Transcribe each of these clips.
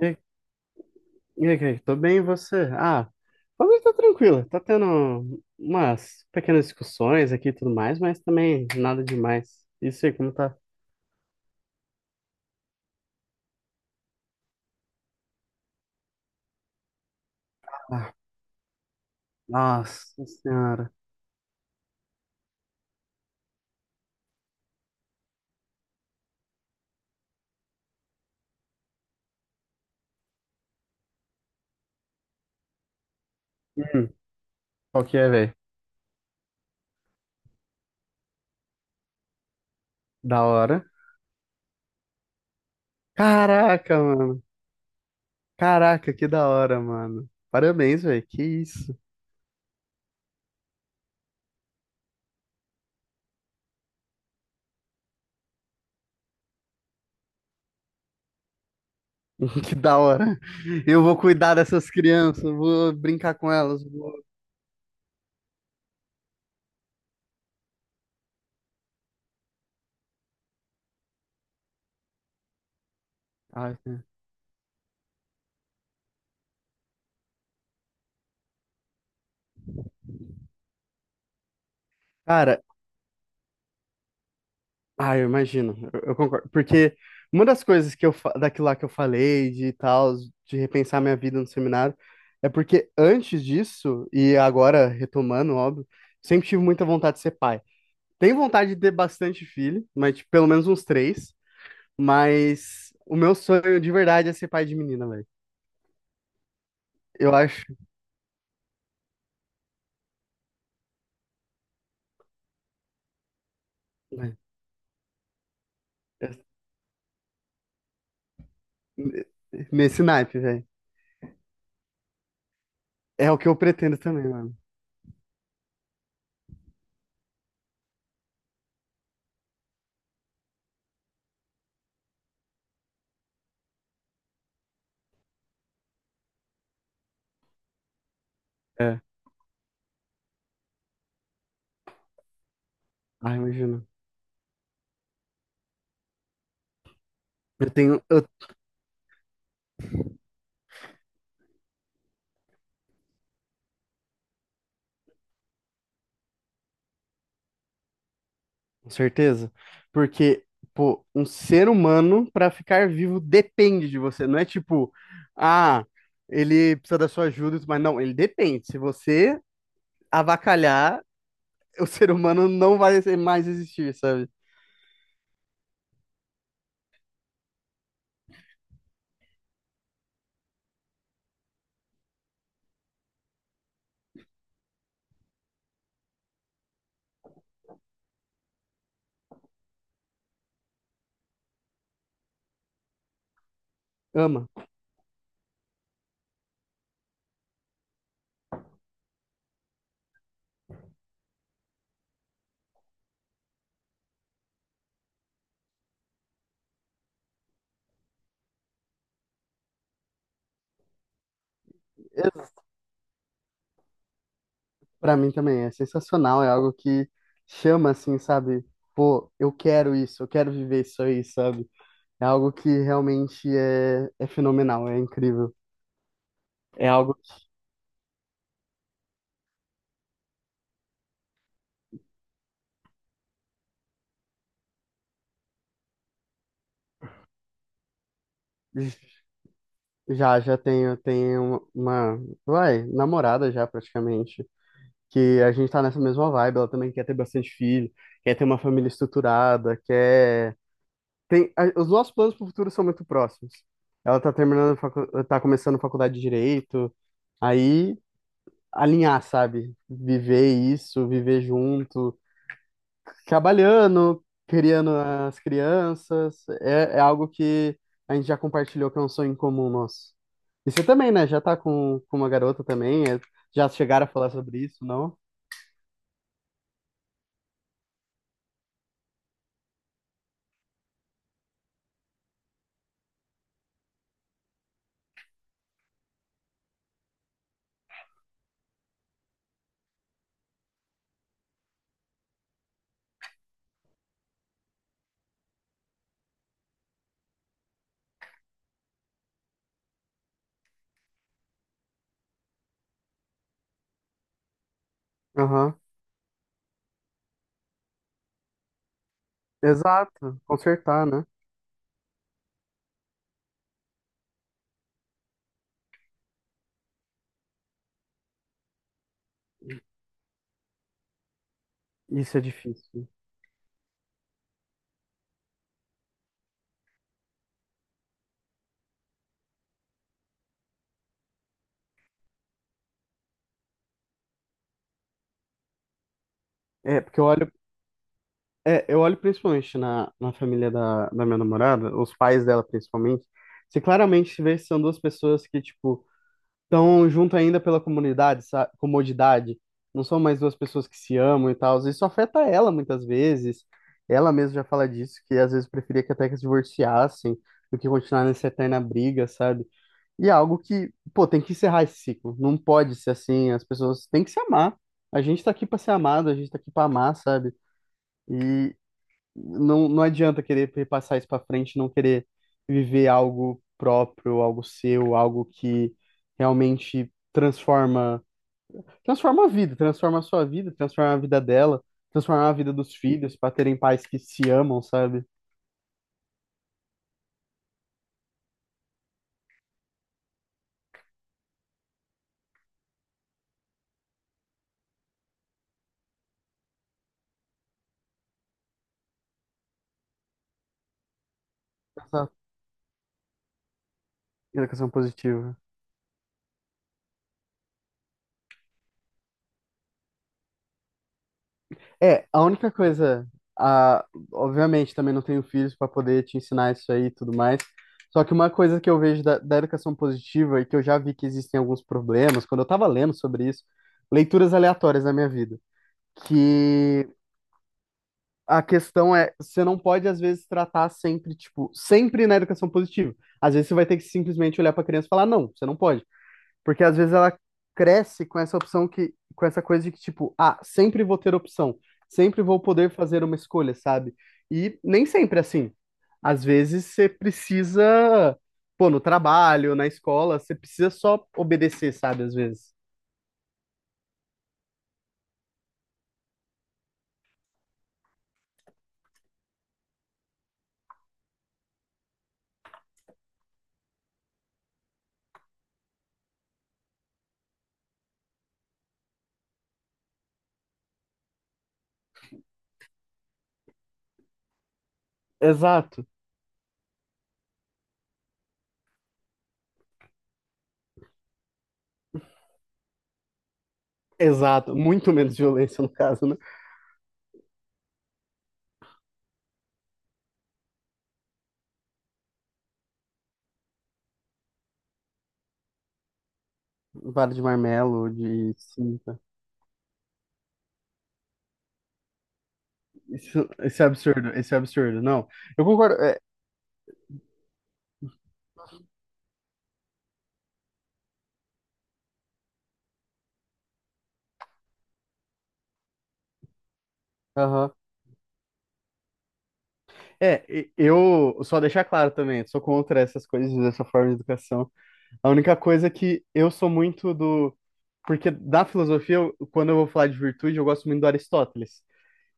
E aí, Kaique? Tô bem, e você? Ah, também tá tranquilo. Tá tendo umas pequenas discussões aqui e tudo mais, mas também nada demais. Isso aí, como tá? Ah, nossa senhora. Hum, qual que é, velho? Da hora. Caraca, mano. Caraca, que da hora, mano. Parabéns, velho. Que isso. Que da hora. Eu vou cuidar dessas crianças, vou brincar com elas. Vou... Ai, cara, ah, eu imagino, eu concordo, porque uma das coisas que daquilo lá que eu falei de tal, de repensar minha vida no seminário, é porque antes disso, e agora retomando, óbvio, sempre tive muita vontade de ser pai. Tenho vontade de ter bastante filho, mas tipo, pelo menos uns três, mas o meu sonho de verdade é ser pai de menina, velho. Eu acho. Né, é- Nesse naipe, velho. É o que eu pretendo também, mano. É. Ah, imagino. Eu tenho. Eu com certeza, porque, pô, um ser humano, para ficar vivo, depende de você. Não é tipo, ah, ele precisa da sua ajuda, e tudo mais. Não, ele depende. Se você avacalhar, o ser humano não vai ser- mais existir, sabe? Ama. Pra mim também é sensacional, é algo que chama assim, sabe? Pô, eu quero isso, eu quero viver isso aí, sabe? É algo que realmente é fenomenal, é incrível. É algo. Já, já tenho, tenho uma, vai, namorada já praticamente, que a gente tá nessa mesma vibe, ela também quer ter bastante filho, quer ter uma família estruturada, quer... Tem, os nossos planos pro futuro são muito próximos. Ela tá terminando, tá começando faculdade de Direito, aí alinhar, sabe? Viver isso, viver junto, trabalhando, criando as crianças. É, é algo que a gente já compartilhou, que é um sonho em comum nosso. E você também, né? Já tá com uma garota também. Já chegaram a falar sobre isso, não? Aham. Exato. Consertar, né? Isso é difícil. É, porque eu olho, é, eu olho principalmente na, na família da, da minha namorada, os pais dela principalmente, você claramente vê que são duas pessoas que, tipo, estão junto ainda pela comunidade, comodidade. Não são mais duas pessoas que se amam e tal. Isso afeta ela muitas vezes. Ela mesma já fala disso, que às vezes preferia que até que se divorciassem do que continuar nessa eterna briga, sabe? E é algo que, pô, tem que encerrar esse ciclo. Não pode ser assim. As pessoas têm que se amar. A gente tá aqui pra ser amado, a gente tá aqui pra amar, sabe? E não, não adianta querer repassar isso para frente, não querer viver algo próprio, algo seu, algo que realmente transforma, transforma a vida, transforma a sua vida, transforma a vida dela, transforma a vida dos filhos para terem pais que se amam, sabe? Essa educação positiva. É, a única coisa, a, obviamente também não tenho filhos para poder te ensinar isso aí e tudo mais. Só que uma coisa que eu vejo da, da educação positiva e que eu já vi que existem alguns problemas, quando eu estava lendo sobre isso, leituras aleatórias na minha vida, que a questão é, você não pode às vezes tratar sempre, tipo, sempre na educação positiva. Às vezes você vai ter que simplesmente olhar para a criança e falar, não, você não pode. Porque às vezes ela cresce com essa opção que, com essa coisa de que, tipo, ah, sempre vou ter opção, sempre vou poder fazer uma escolha, sabe? E nem sempre é assim. Às vezes você precisa, pô, no trabalho, na escola, você precisa só obedecer, sabe? Às vezes. Exato, exato. Muito menos violência, no caso, né? Vara de marmelo, de cinta. Isso, esse é absurdo, esse é absurdo. Não, eu concordo. É, aham. Eu só deixar claro também, sou contra essas coisas, dessa forma de educação. A única coisa é que eu sou muito do. Porque da filosofia, quando eu vou falar de virtude, eu gosto muito do Aristóteles.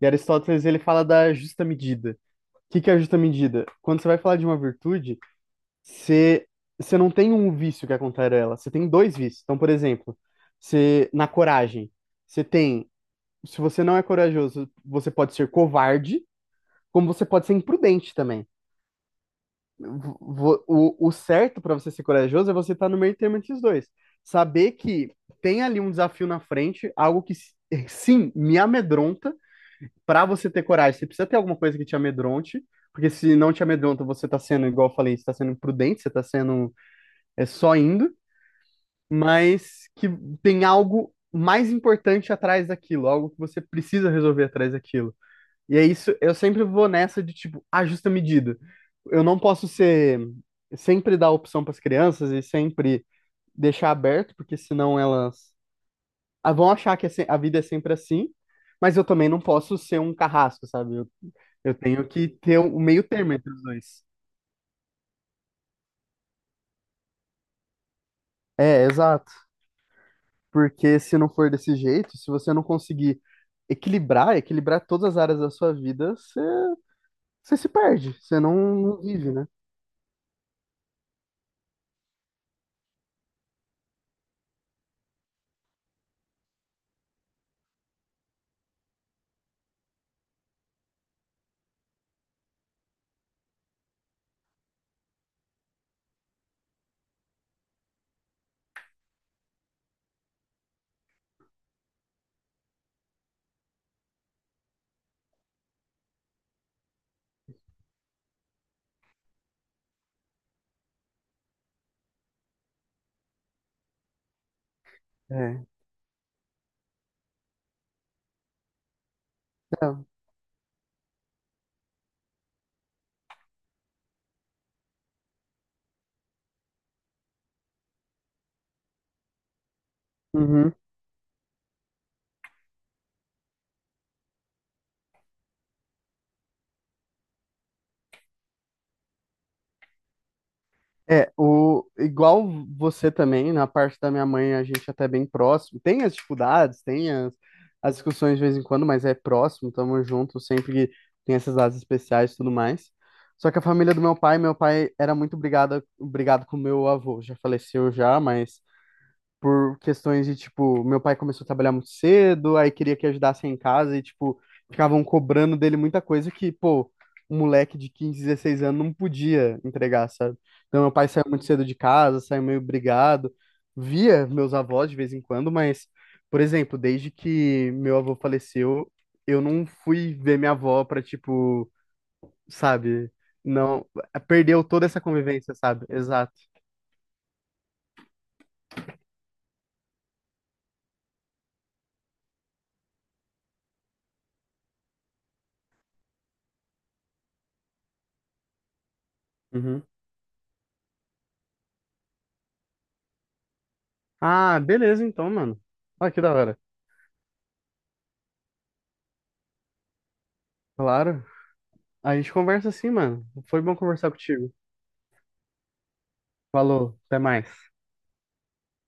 E Aristóteles, ele fala da justa medida. O que que é a justa medida? Quando você vai falar de uma virtude, você, você não tem um vício que é contrário a ela, você tem dois vícios. Então, por exemplo, você, na coragem, você tem. Se você não é corajoso, você pode ser covarde, como você pode ser imprudente também. O, o certo para você ser corajoso é você estar no meio termo entre os dois. Saber que tem ali um desafio na frente, algo que sim me amedronta, para você ter coragem. Você precisa ter alguma coisa que te amedronte, porque se não te amedronta, você tá sendo, igual eu falei, você tá sendo imprudente, você tá sendo é, só indo, mas que tem algo mais importante atrás daquilo, algo que você precisa resolver atrás daquilo. E é isso, eu sempre vou nessa de tipo, a justa medida. Eu não posso ser sempre dar opção para as crianças e sempre deixar aberto, porque senão elas ah, vão achar que a vida é sempre assim, mas eu também não posso ser um carrasco, sabe? Eu tenho que ter o meio termo entre os dois. É, exato. Porque se não for desse jeito, se você não conseguir equilibrar, equilibrar todas as áreas da sua vida, você, você se perde, você não, não vive, né? É. Então, uhum. É, o, igual você também, na parte da minha mãe, a gente até é bem próximo. Tem as dificuldades, tem as, as discussões de vez em quando, mas é próximo, tamo junto, sempre tem essas datas especiais e tudo mais. Só que a família do meu pai era muito obrigado com meu avô, já faleceu já, mas por questões de, tipo, meu pai começou a trabalhar muito cedo, aí queria que ajudasse em casa e, tipo, ficavam cobrando dele muita coisa que, pô, um moleque de 15, 16 anos não podia entregar, sabe? Então, meu pai saiu muito cedo de casa, saiu meio brigado, via meus avós de vez em quando, mas, por exemplo, desde que meu avô faleceu, eu não fui ver minha avó pra, tipo, sabe? Não, perdeu toda essa convivência, sabe? Exato. Uhum. Ah, beleza então, mano. Olha que da hora. Claro. A gente conversa assim, mano. Foi bom conversar contigo. Falou, até mais.